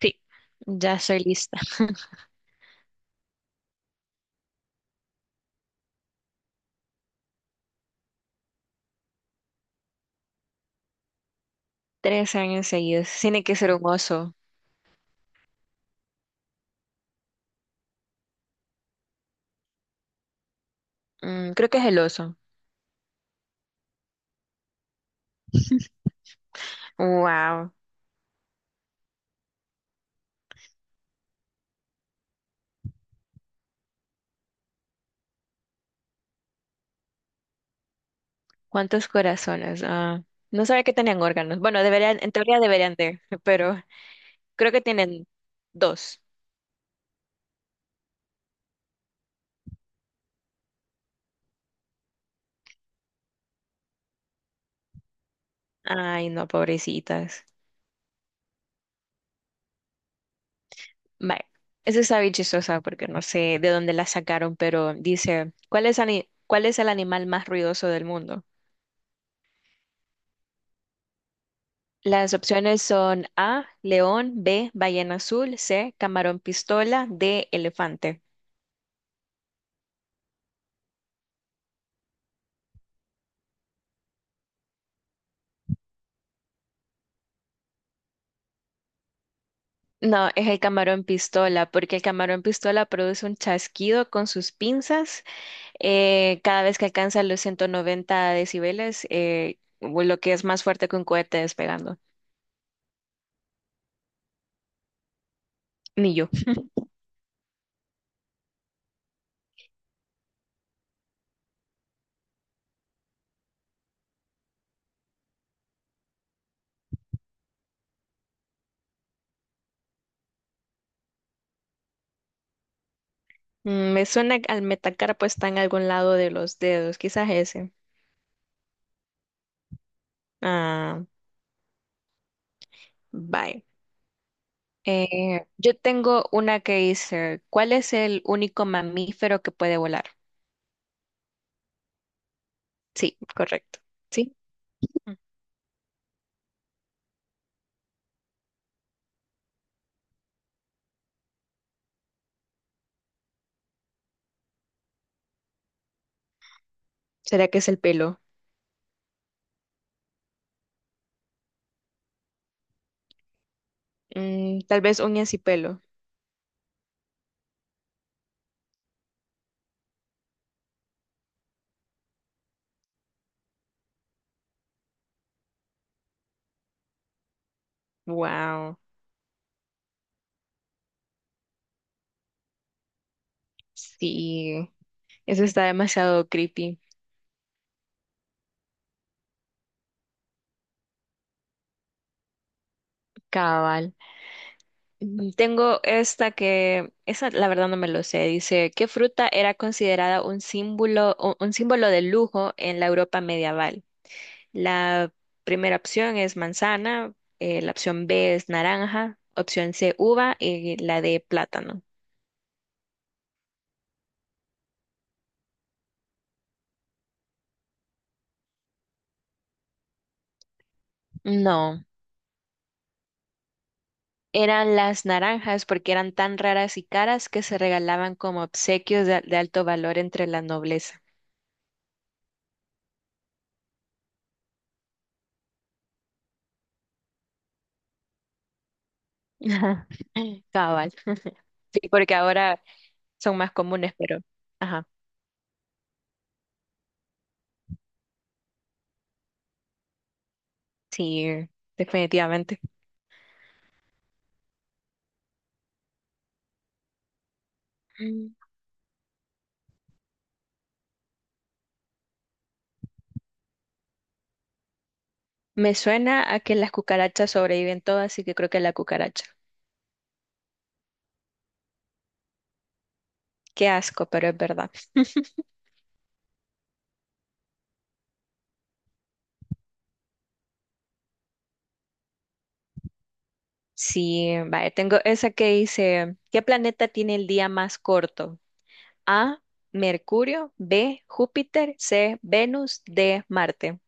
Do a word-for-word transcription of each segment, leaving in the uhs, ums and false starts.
Sí, ya estoy lista. Tres años seguidos. Tiene que ser un oso. Mm, creo que es el oso. Wow. ¿Cuántos corazones? Ah, no sabía que tenían órganos. Bueno, deberían, en teoría deberían de, pero creo que tienen dos. Ay, no, pobrecitas. Vale. Eso está bien chistosa porque no sé de dónde la sacaron, pero dice, ¿cuál es, ani- cuál es el animal más ruidoso del mundo? Las opciones son A, león, B, ballena azul, C, camarón pistola, D, elefante. No, es el camarón pistola, porque el camarón pistola produce un chasquido con sus pinzas, eh, cada vez que alcanza los ciento noventa decibeles, eh, o lo que es más fuerte que un cohete despegando. Ni yo. Mm, Me suena que al metacarpo está en algún lado de los dedos, quizás ese. Ah, bye. Eh, yo tengo una que dice, ¿cuál es el único mamífero que puede volar? Sí, correcto. ¿Sí? ¿Será que es el pelo? Mm, tal vez uñas y pelo. Wow, sí, eso está demasiado creepy, cabal. Mm, Tengo esta que, esa la verdad no me lo sé, dice, ¿qué fruta era considerada un símbolo, u- un símbolo de lujo en la Europa medieval? La primera opción es manzana, eh, la opción B es naranja, opción C uva y la D plátano. No, eran las naranjas porque eran tan raras y caras que se regalaban como obsequios de de alto valor entre la nobleza. Ajá. Cabal. Sí, porque ahora son más comunes, pero ajá, sí, definitivamente. Mm. Me suena a que las cucarachas sobreviven todas, así que creo que la cucaracha. Qué asco, pero es verdad. Sí, vaya, tengo esa que dice, ¿qué planeta tiene el día más corto? A, Mercurio, B, Júpiter, C, Venus, D, Marte.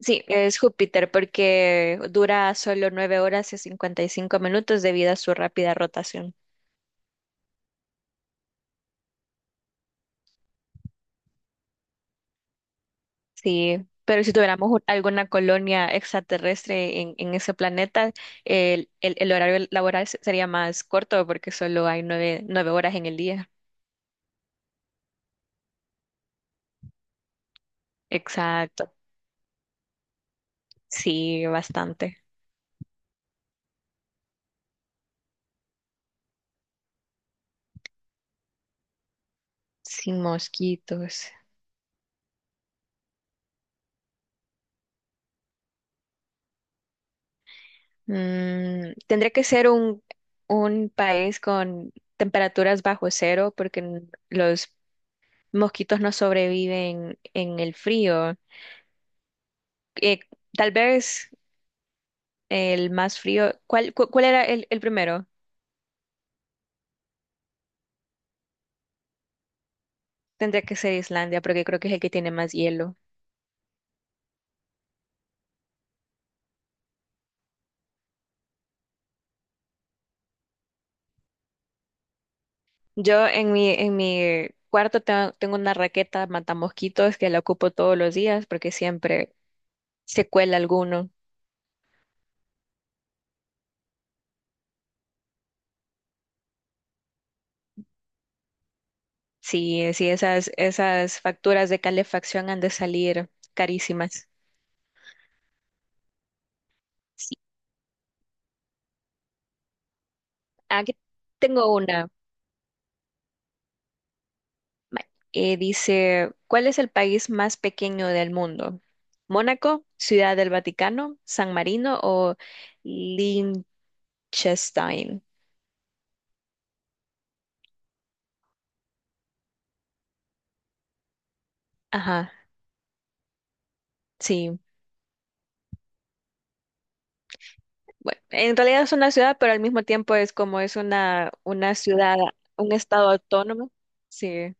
Sí, es Júpiter porque dura solo nueve horas y cincuenta y cinco minutos debido a su rápida rotación. Sí, pero si tuviéramos un- alguna colonia extraterrestre en, en ese planeta, el, el- el horario laboral se- sería más corto porque solo hay nueve, nueve horas en el día. Exacto. Sí, bastante. Sin mosquitos. Mm, tendría que ser un, un país con temperaturas bajo cero porque n- los mosquitos no sobreviven en el frío. Eh, tal vez el más frío. ¿Cuál, cu- cuál era el el primero? Tendría que ser Islandia, porque creo que es el que tiene más hielo. Yo en mi, en mi cuarto tengo, tengo una raqueta matamosquitos que la ocupo todos los días porque siempre se cuela alguno. Sí, sí, esas, esas facturas de calefacción han de salir carísimas. Sí, aquí tengo una. Ma- eh, Dice, ¿cuál es el país más pequeño del mundo? ¿Mónaco, Ciudad del Vaticano, San Marino o Liechtenstein? Ajá, sí. Bueno, en realidad es una ciudad, pero al mismo tiempo es como es una, una ciudad, un estado autónomo. Sí.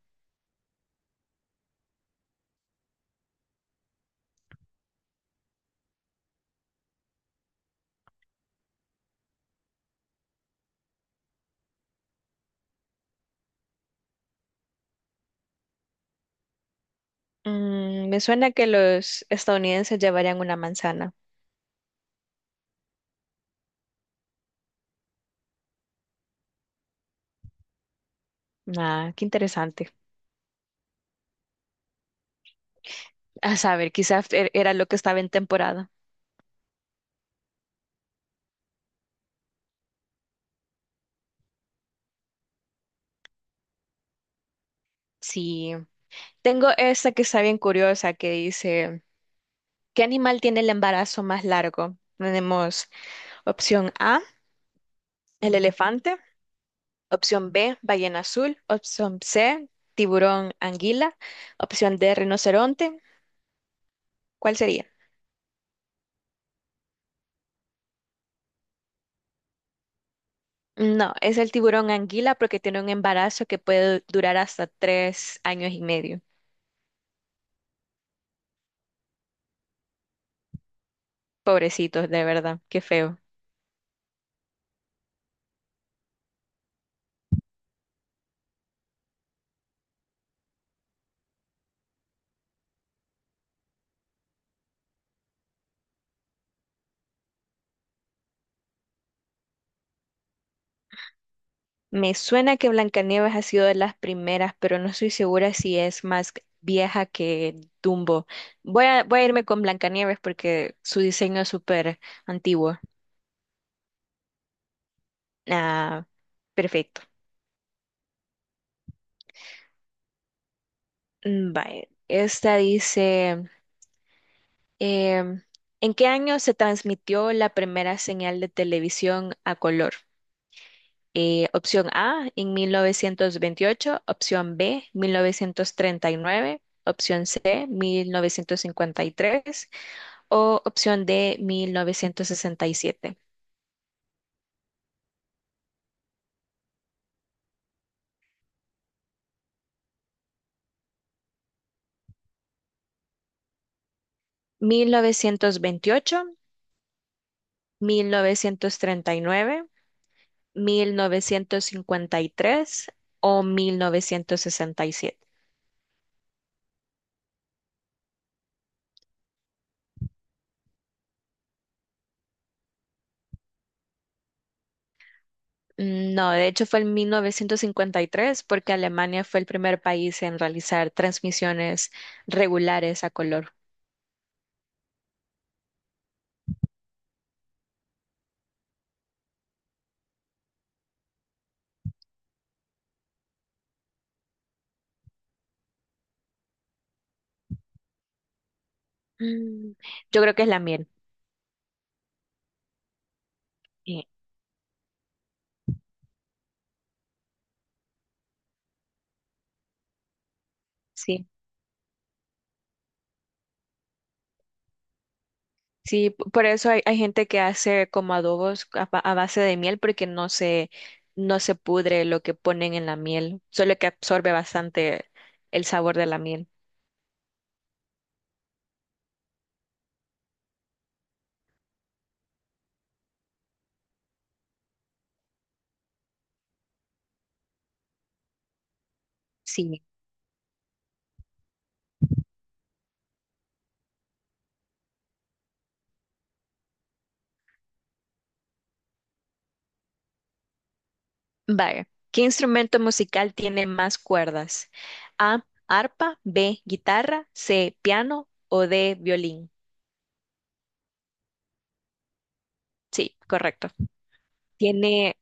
Mm, me suena que los estadounidenses llevarían una manzana. Ah, qué interesante. A saber, quizás er- era lo que estaba en temporada. Sí. Tengo esta que está bien curiosa que dice, ¿qué animal tiene el embarazo más largo? Tenemos opción A, el elefante, opción B, ballena azul. Opción C, tiburón anguila. Opción D, rinoceronte. ¿Cuál sería? No, es el tiburón anguila porque tiene un embarazo que puede durar hasta tres años y medio. Pobrecitos, de verdad, qué feo. Me suena que Blancanieves ha sido de las primeras, pero no estoy segura si es más vieja que Dumbo. Voy a, voy a irme con Blancanieves porque su diseño es súper antiguo. Ah, perfecto. Mm, vale. Esta dice. Em, ¿en qué año se transmitió la primera señal de televisión a color? Eh, opción A, en mil novecientos veintiocho, opción B, mil novecientos treinta y nueve, opción C, mil novecientos cincuenta y tres o opción D, mil novecientos sesenta y siete. mil novecientos veintiocho, mil novecientos treinta y nueve, mil novecientos cincuenta y tres o mil novecientos sesenta y siete. No, de hecho fue en mil novecientos cincuenta y tres porque Alemania fue el primer país en realizar transmisiones regulares a color. Mm, Yo creo que es la miel. Eh, Sí, sí, p- por eso hay, hay gente que hace como adobos a, ba- a base de miel porque no se, no se pudre lo que ponen en la miel, solo que absorbe bastante el sabor de la miel. Sí. Vaya, ¿qué instrumento musical tiene más cuerdas? A, arpa, B, guitarra, C, piano o D, violín. Sí, correcto. Tiene.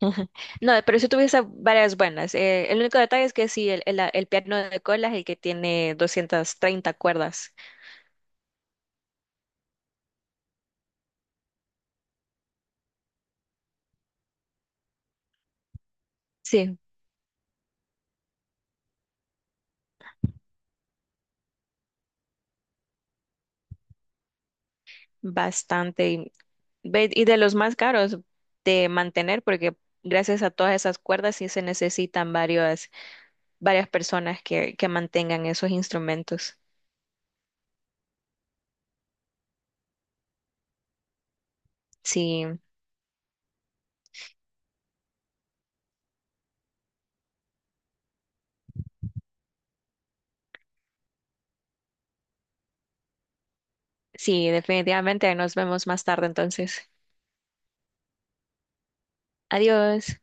No, pero eso tuviste varias buenas. Eh, el único detalle es que sí, el, el- el piano de cola es el que tiene doscientas treinta cuerdas. Sí, bastante. Y, ve- y de los más caros de mantener, porque gracias a todas esas cuerdas sí se necesitan varias, varias personas que, que mantengan esos instrumentos. Sí. Sí, definitivamente. Nos vemos más tarde entonces. Adiós.